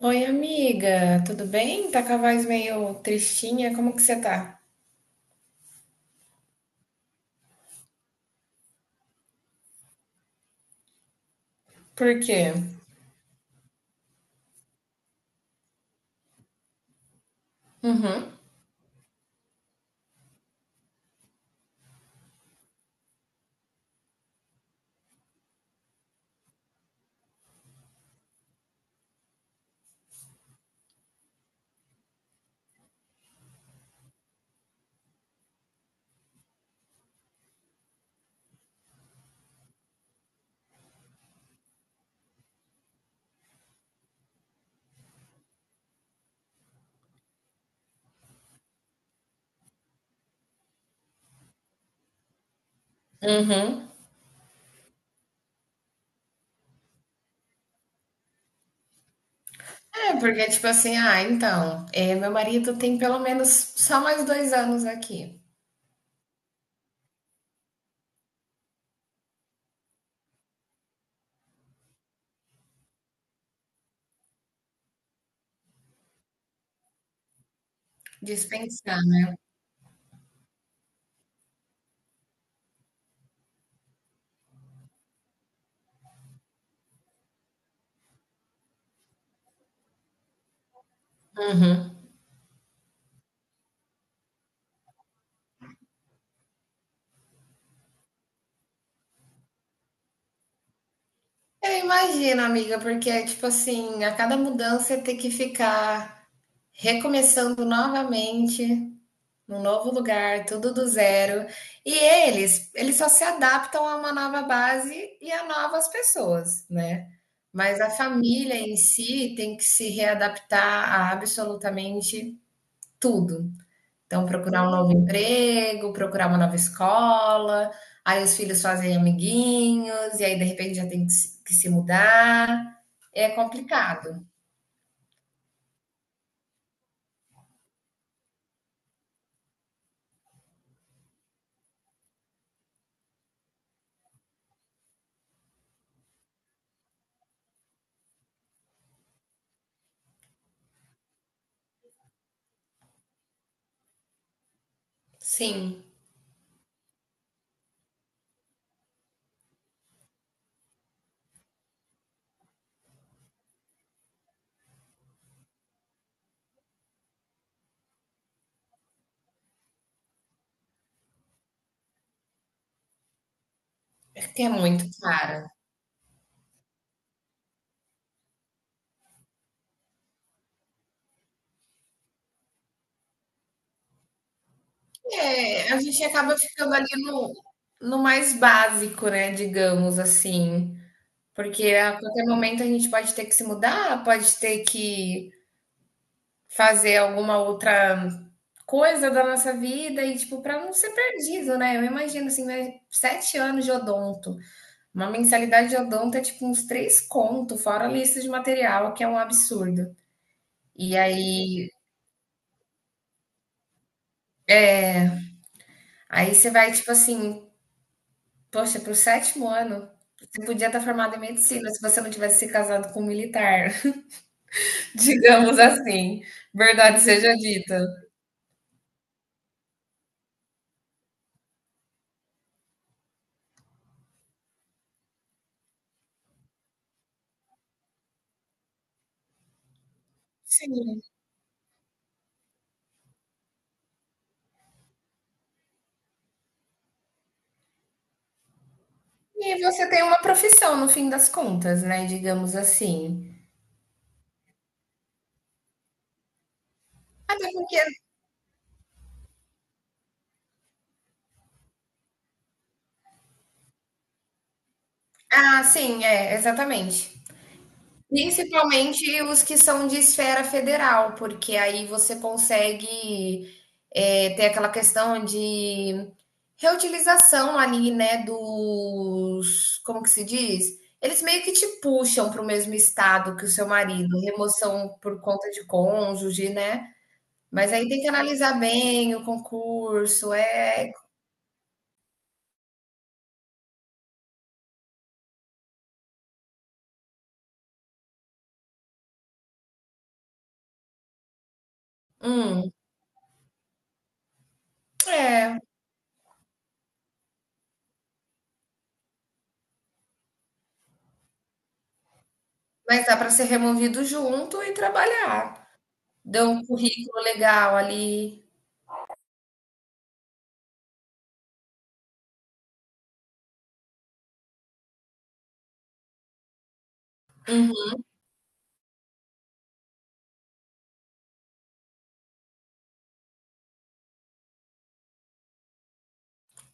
Oi, amiga, tudo bem? Tá com a voz meio tristinha, como que você tá? Por quê? Uhum, uhum. É, porque tipo assim, ah, então, é, meu marido tem pelo menos só mais dois anos aqui, dispensado. Uhum. Eu imagino, amiga, porque é tipo assim, a cada mudança tem que ficar recomeçando novamente, num novo lugar, tudo do zero. E eles só se adaptam a uma nova base e a novas pessoas, né? Mas a família em si tem que se readaptar a absolutamente tudo. Então, procurar um novo emprego, procurar uma nova escola, aí os filhos fazem amiguinhos, e aí de repente já tem que se mudar. É complicado. Sim, porque é muito cara. É, a gente acaba ficando ali no mais básico, né, digamos assim, porque a qualquer momento a gente pode ter que se mudar, pode ter que fazer alguma outra coisa da nossa vida e, tipo, para não ser perdido, né. Eu imagino, assim, mas 7 anos de odonto, uma mensalidade de odonto é, tipo, uns 3 conto, fora a lista de material, que é um absurdo. E aí você vai, tipo assim, poxa, pro sétimo ano, você podia estar formado em medicina se você não tivesse se casado com um militar, digamos assim, verdade seja dita. Sim. E você tem uma profissão no fim das contas, né, digamos assim. Até porque, ah, sim, é, exatamente. Principalmente os que são de esfera federal, porque aí você consegue é, ter aquela questão de reutilização ali, né, dos, como que se diz? Eles meio que te puxam para o mesmo estado que o seu marido, remoção por conta de cônjuge, né? Mas aí tem que analisar bem o concurso, é, hum, é, mas dá para ser removido junto e trabalhar. Dão um currículo legal ali,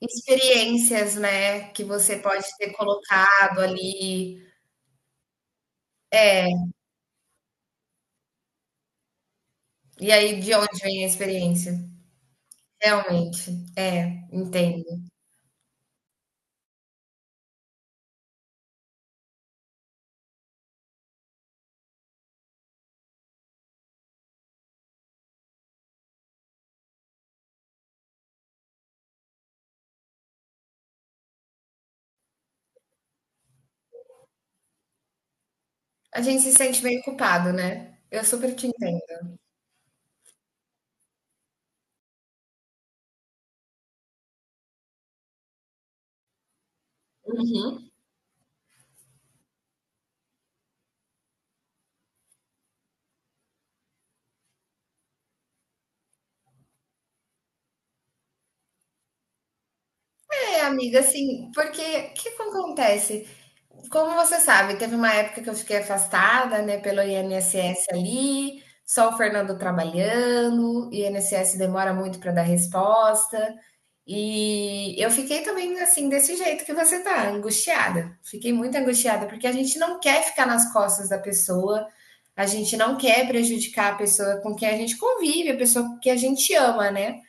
experiências, né, que você pode ter colocado ali. E aí, de onde vem a experiência? Realmente, é, entendo. A gente se sente meio culpado, né? Eu super te entendo. Uhum. É, amiga, assim, porque o que que acontece? Como você sabe, teve uma época que eu fiquei afastada, né, pelo INSS ali, só o Fernando trabalhando, o INSS demora muito para dar resposta. E eu fiquei também assim, desse jeito que você tá, angustiada. Fiquei muito angustiada, porque a gente não quer ficar nas costas da pessoa, a gente não quer prejudicar a pessoa com quem a gente convive, a pessoa que a gente ama, né?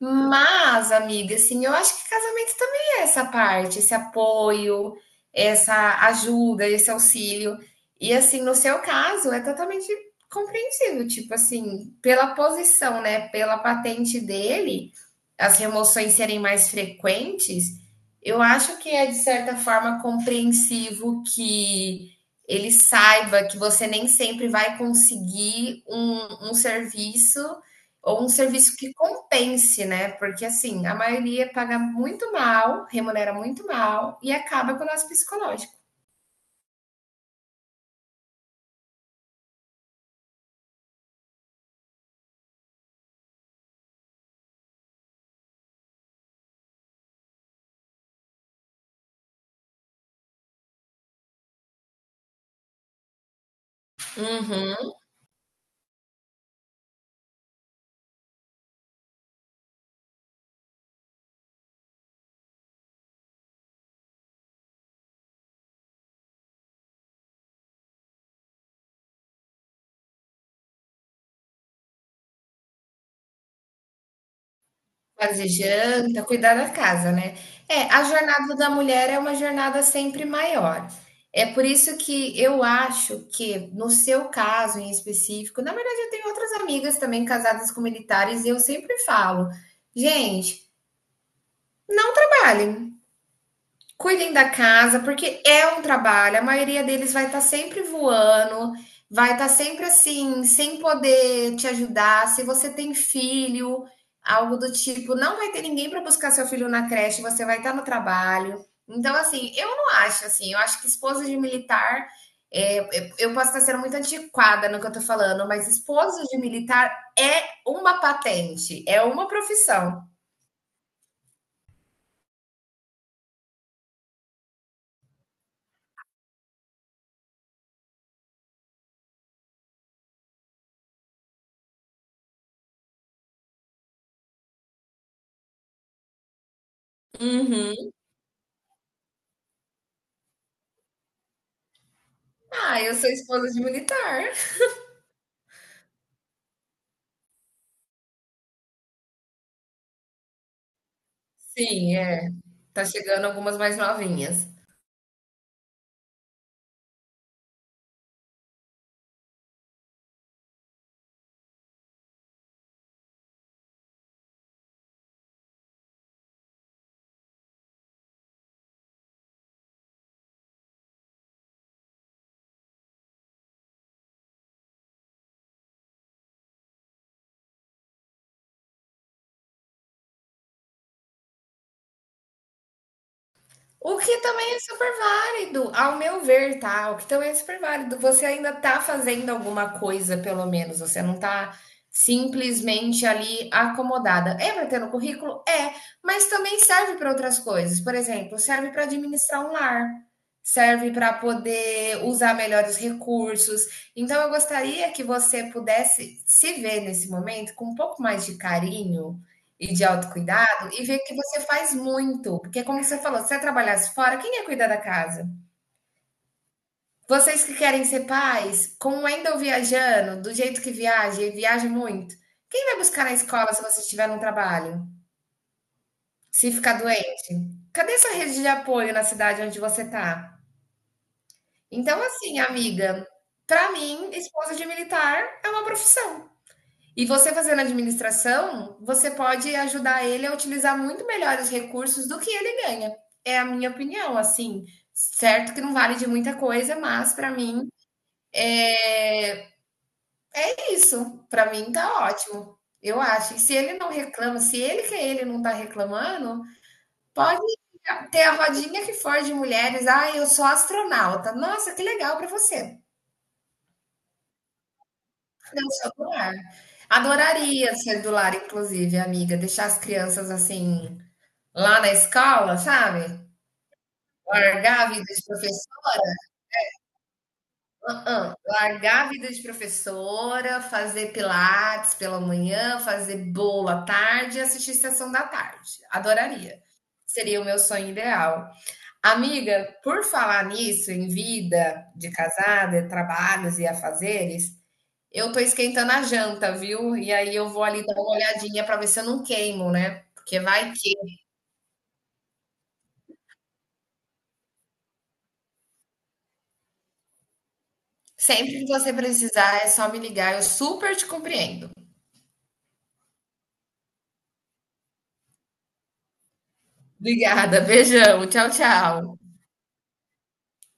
Mas, amiga, assim, eu acho que casamento também é essa parte, esse apoio, essa ajuda, esse auxílio. E, assim, no seu caso, é totalmente compreensível, tipo assim, pela posição, né, pela patente dele, as remoções serem mais frequentes, eu acho que é, de certa forma, compreensivo que ele saiba que você nem sempre vai conseguir um serviço ou um serviço que compense, né? Porque assim, a maioria paga muito mal, remunera muito mal e acaba com o nosso psicológico. Uhum. Fazer janta, cuidar da casa, né? É, a jornada da mulher é uma jornada sempre maior. É por isso que eu acho que, no seu caso em específico, na verdade, eu tenho outras amigas também casadas com militares e eu sempre falo, gente, não trabalhem. Cuidem da casa, porque é um trabalho. A maioria deles vai estar sempre voando, vai estar sempre assim, sem poder te ajudar. Se você tem filho, algo do tipo, não vai ter ninguém para buscar seu filho na creche, você vai estar no trabalho. Então, assim, eu não acho assim. Eu acho que esposa de militar, é, posso estar sendo muito antiquada no que eu estou falando, mas esposa de militar é uma patente, é uma profissão. Uhum. Ah, eu sou esposa de militar. Sim, é. Tá chegando algumas mais novinhas. O que também é super válido, ao meu ver, tá? O que também é super válido. Você ainda tá fazendo alguma coisa, pelo menos. Você não tá simplesmente ali acomodada. É para ter no currículo? É, mas também serve para outras coisas. Por exemplo, serve para administrar um lar, serve para poder usar melhores recursos. Então, eu gostaria que você pudesse se ver nesse momento com um pouco mais de carinho e de autocuidado, e ver que você faz muito, porque como você falou, se você trabalhasse fora, quem ia cuidar da casa? Vocês que querem ser pais, como ainda eu viajando, do jeito que viaja, e viaja muito, quem vai buscar na escola se você estiver num trabalho? Se ficar doente? Cadê sua rede de apoio na cidade onde você tá? Então, assim, amiga, pra mim, esposa de militar é uma profissão. E você fazendo administração, você pode ajudar ele a utilizar muito melhor os recursos do que ele ganha. É a minha opinião, assim. Certo que não vale de muita coisa, mas para mim é, é isso. Para mim tá ótimo. Eu acho. E se ele não reclama, se ele que é ele não tá reclamando, pode ter a rodinha que for de mulheres. Ah, eu sou astronauta. Nossa, que legal para você. Eu sou do lar. Adoraria ser do lar, inclusive, amiga. Deixar as crianças assim lá na escola, sabe? Largar a vida de professora? Hã-hã. Largar a vida de professora, fazer pilates pela manhã, fazer bolo à tarde e assistir Sessão da Tarde. Adoraria. Seria o meu sonho ideal. Amiga, por falar nisso, em vida de casada, trabalhos e afazeres, eu tô esquentando a janta, viu? E aí eu vou ali dar uma olhadinha para ver se eu não queimo, né? Porque vai... Sempre que você precisar, é só me ligar, eu super te compreendo. Obrigada, beijão, tchau, tchau.